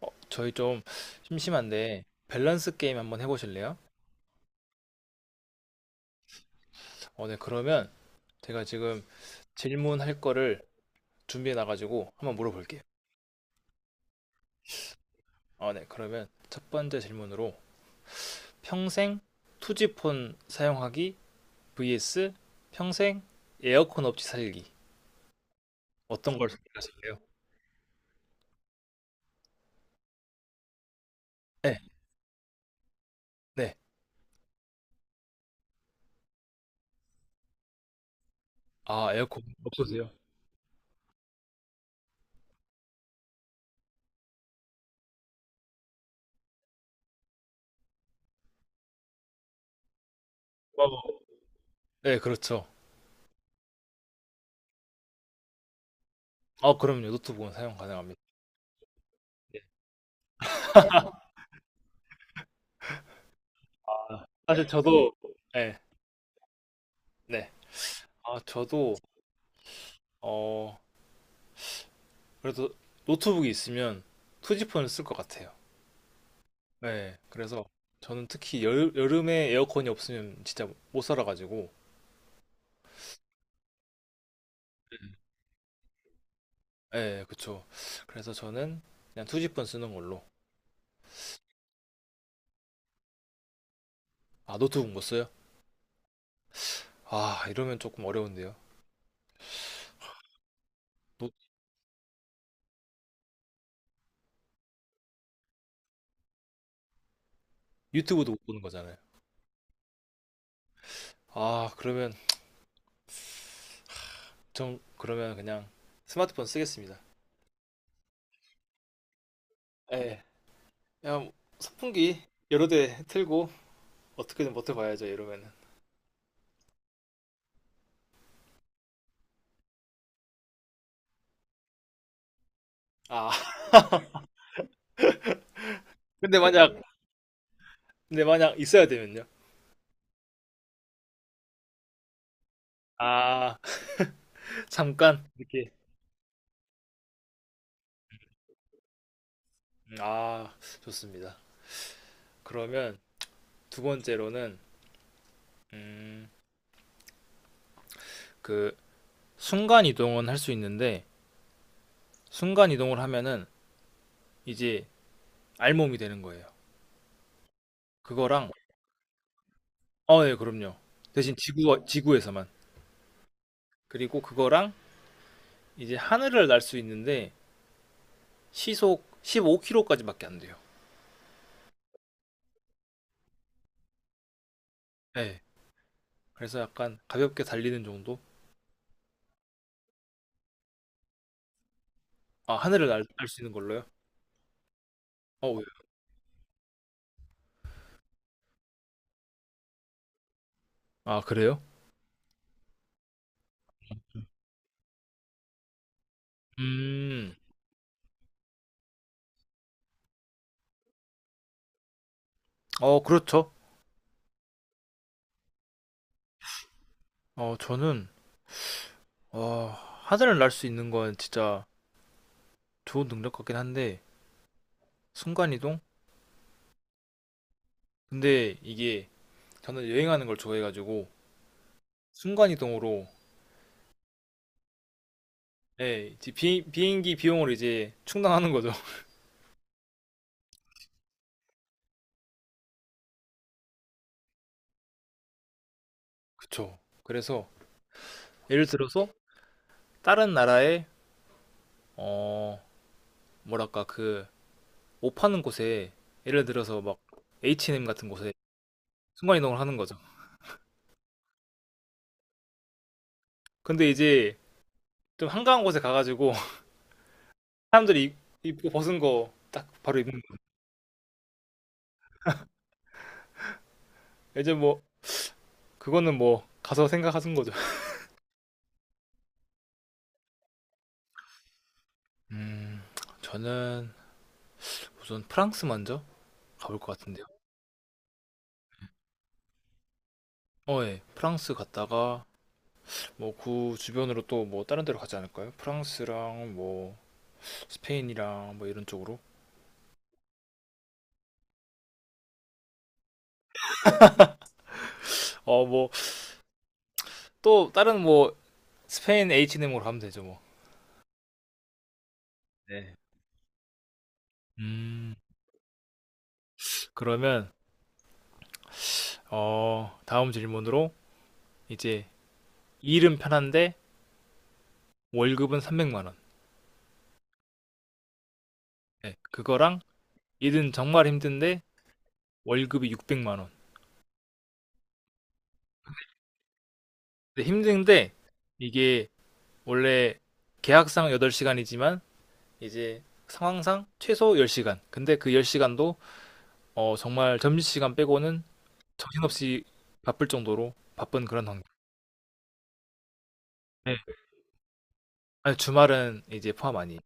저희 좀 심심한데 밸런스 게임 한번 해보실래요? 네, 그러면 제가 지금 질문할 거를 준비해 놔가지고 한번 물어볼게요. 네, 그러면 첫 번째 질문으로 평생 투지폰 사용하기 vs 평생 에어컨 없이 살기, 어떤 걸 선택하실래요? 네, 네. 아, 에어컨 없으세요? 어, 네, 그렇죠. 아, 그럼요. 노트북은 사용 가능합니다. 네. 아, 사실 저도. 네, 네. 아, 저도 어 그래도 노트북이 있으면 투지폰을 쓸 것 같아요. 네, 그래서 저는 특히 여름에 에어컨이 없으면 진짜 못 살아가지고. 네, 그쵸. 그래서 저는 그냥 투지폰 쓰는 걸로. 아, 노트북 못 써요? 아, 이러면 조금 어려운데요. 노- 유튜브도 못 보는 거잖아요. 아, 그러면 전 그러면 그냥 스마트폰 쓰겠습니다. 예. 그냥 선풍기 여러 대 틀고 어떻게든 버텨봐야죠, 이러면은. 아, 근데 만약 근데 만약 있어야 되면요. 아, 잠깐 이렇게. 음, 아 좋습니다. 그러면 두 번째로는, 음, 그 순간 이동은 할 수 있는데 순간 이동을 하면은 이제 알몸이 되는 거예요. 그거랑. 어, 예, 그럼요. 대신 지구에서만. 그리고 그거랑 이제 하늘을 날 수 있는데 시속 15km까지밖에 안 돼요. 예. 네. 그래서 약간 가볍게 달리는 정도? 아, 하늘을 날 수 있는 걸로요? 어, 왜요? 아, 그래요? 음. 어, 그렇죠. 어, 저는. 와, 하늘을 날 수 있는 건 진짜 좋은 능력 같긴 한데, 순간이동? 근데 이게 저는 여행하는 걸 좋아해가지고, 순간이동으로, 예, 이제 비행기 비용을 이제 충당하는 거죠. 그쵸. 그래서, 예를 들어서, 다른 나라의 어, 뭐랄까, 그, 옷 파는 곳에, 예를 들어서 막, H&M 같은 곳에 순간이동을 하는 거죠. 근데 이제, 좀 한가한 곳에 가가지고, 사람들이 입고 벗은 거 딱 바로 입는 거예요. 이제 뭐, 그거는 뭐 가서 생각하신 거죠. 음, 저는 우선 프랑스 먼저 가볼 것 같은데요. 어, 예. 프랑스 갔다가 뭐 그 주변으로 또 뭐 다른 데로 가지 않을까요? 프랑스랑 뭐 스페인이랑 뭐 이런 쪽으로. 어, 뭐 또 다른 뭐 스페인 h m 으로 가면 되죠, 뭐. 네. 음, 그러면 어, 다음 질문으로 이제 일은 편한데 월급은 300만 원. 네, 그거랑 일은 정말 힘든데 월급이 600만 원. 근데 힘든데 이게 원래 계약상 8시간이지만 이제 상황상 최소 10시간. 근데 그 10시간도 정말 점심시간 빼고는 정신없이 바쁠 정도로 바쁜 그런 환경. 네. 아니, 주말은 이제 포함 아니에요.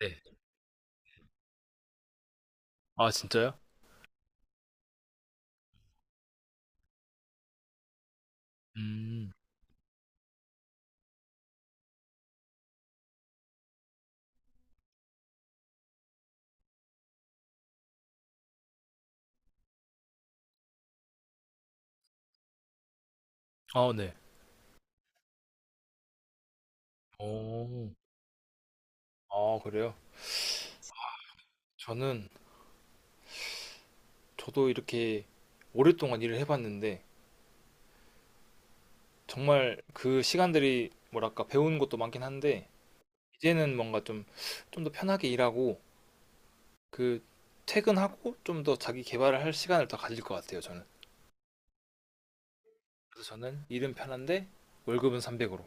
네. 아, 진짜요? 음. 아, 네. 오. 아, 그래요? 저는 저도 이렇게 오랫동안 일을 해봤는데, 정말 그 시간들이 뭐랄까 배우는 것도 많긴 한데 이제는 뭔가 좀 더 편하게 일하고 그 퇴근하고 좀 더 자기 개발을 할 시간을 더 가질 것 같아요, 저는. 그래서 저는 일은 편한데 월급은 300으로.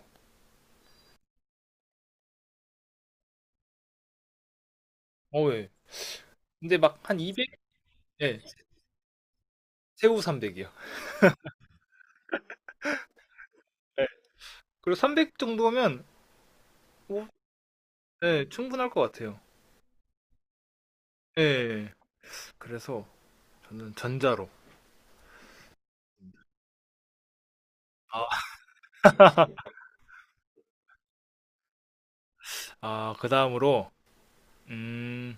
어, 예. 근데 막 한 200? 예, 세후 300이요. 예. 그리고 300 정도면 뭐, 예, 충분할 것 같아요. 예, 예. 예. 그래서 저는 전자로. 아, 그 다음으로, 음,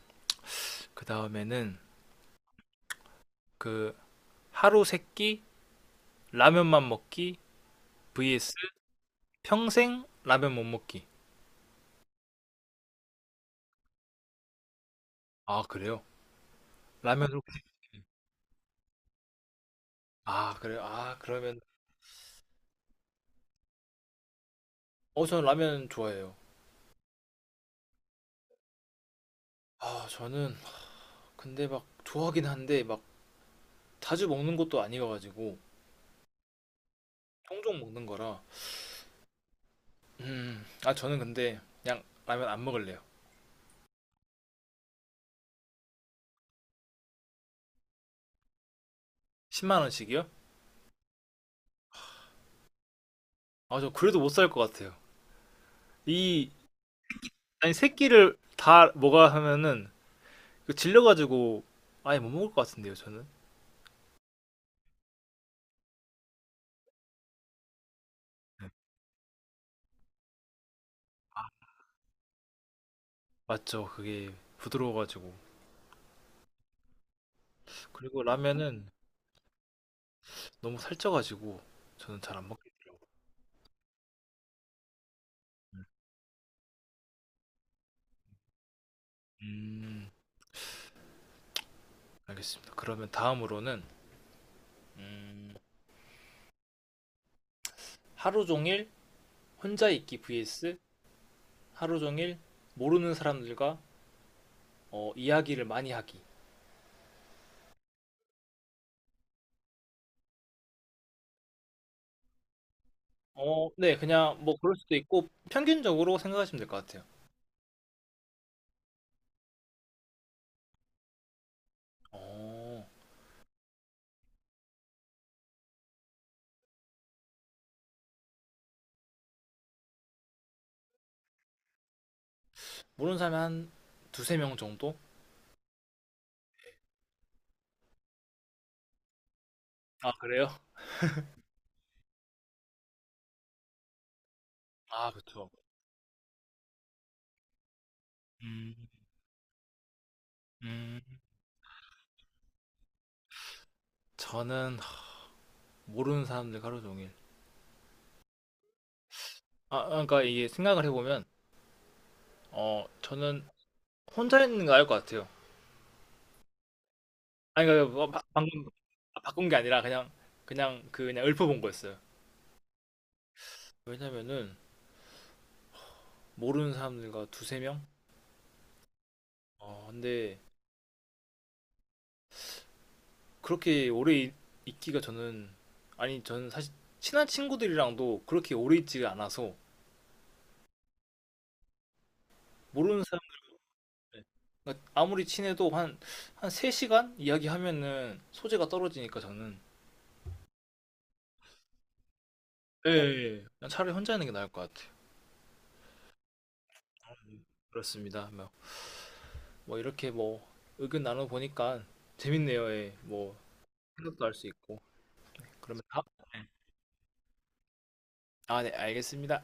그 다음에는 그 하루 세끼 라면만 먹기 vs 평생 라면 못 먹기. 아, 그래요? 라면으로. 아, 그래요? 아, 그러면 어, 저는 라면 좋아해요. 아, 저는 근데 막 좋아하긴 한데 막 자주 먹는 것도 아니어가지고 종종 먹는 거라. 아, 저는 근데 그냥 라면 안 먹을래요. 10만 원씩이요? 아, 저 그래도 못 살 것 같아요. 이, 아니, 세 끼를 다 먹어야 하면은 그 질려가지고 아예 못 먹을 것 같은데요, 저는. 맞죠? 그게 부드러워가지고. 그리고 라면은 너무 살쪄가지고 저는 잘 안 먹겠... 음, 알겠습니다. 그러면 다음으로는 음, 하루 종일 혼자 있기 vs 하루 종일 모르는 사람들과 이야기를 많이 하기. 어, 네, 그냥 뭐 그럴 수도 있고 평균적으로 생각하시면 될 것 같아요. 어, 모르는 사람이 한 두세 명 정도? 아, 그래요? 아, 그쵸. 음, 음, 저는 모르는 사람들 하루 종일. 아, 그러니까 이게 생각을 해보면, 어, 저는 혼자 있는 거 알 것 같아요. 아니, 그러니까 뭐 방금. 아, 바꾼 게 아니라 그냥 그냥 그냥 읊어본 거였어요. 왜냐면은 모르는 사람들과 두세 명. 어, 근데 그렇게 오래 있기가 저는, 아니 저는 사실 친한 친구들이랑도 그렇게 오래 있지가 않아서 모르는 사람들. 그러니까 아무리 친해도 한 3시간 이야기하면은 소재가 떨어지니까 저는. 예, 예. 냥 차라리 혼자 있는 게 나을 것 같아요. 그렇습니다. 뭐, 뭐 이렇게 뭐 의견 나눠보니까 재밌네요. 예. 뭐 생각도 할 수 있고. 그러면 다. 아, 네, 알겠습니다.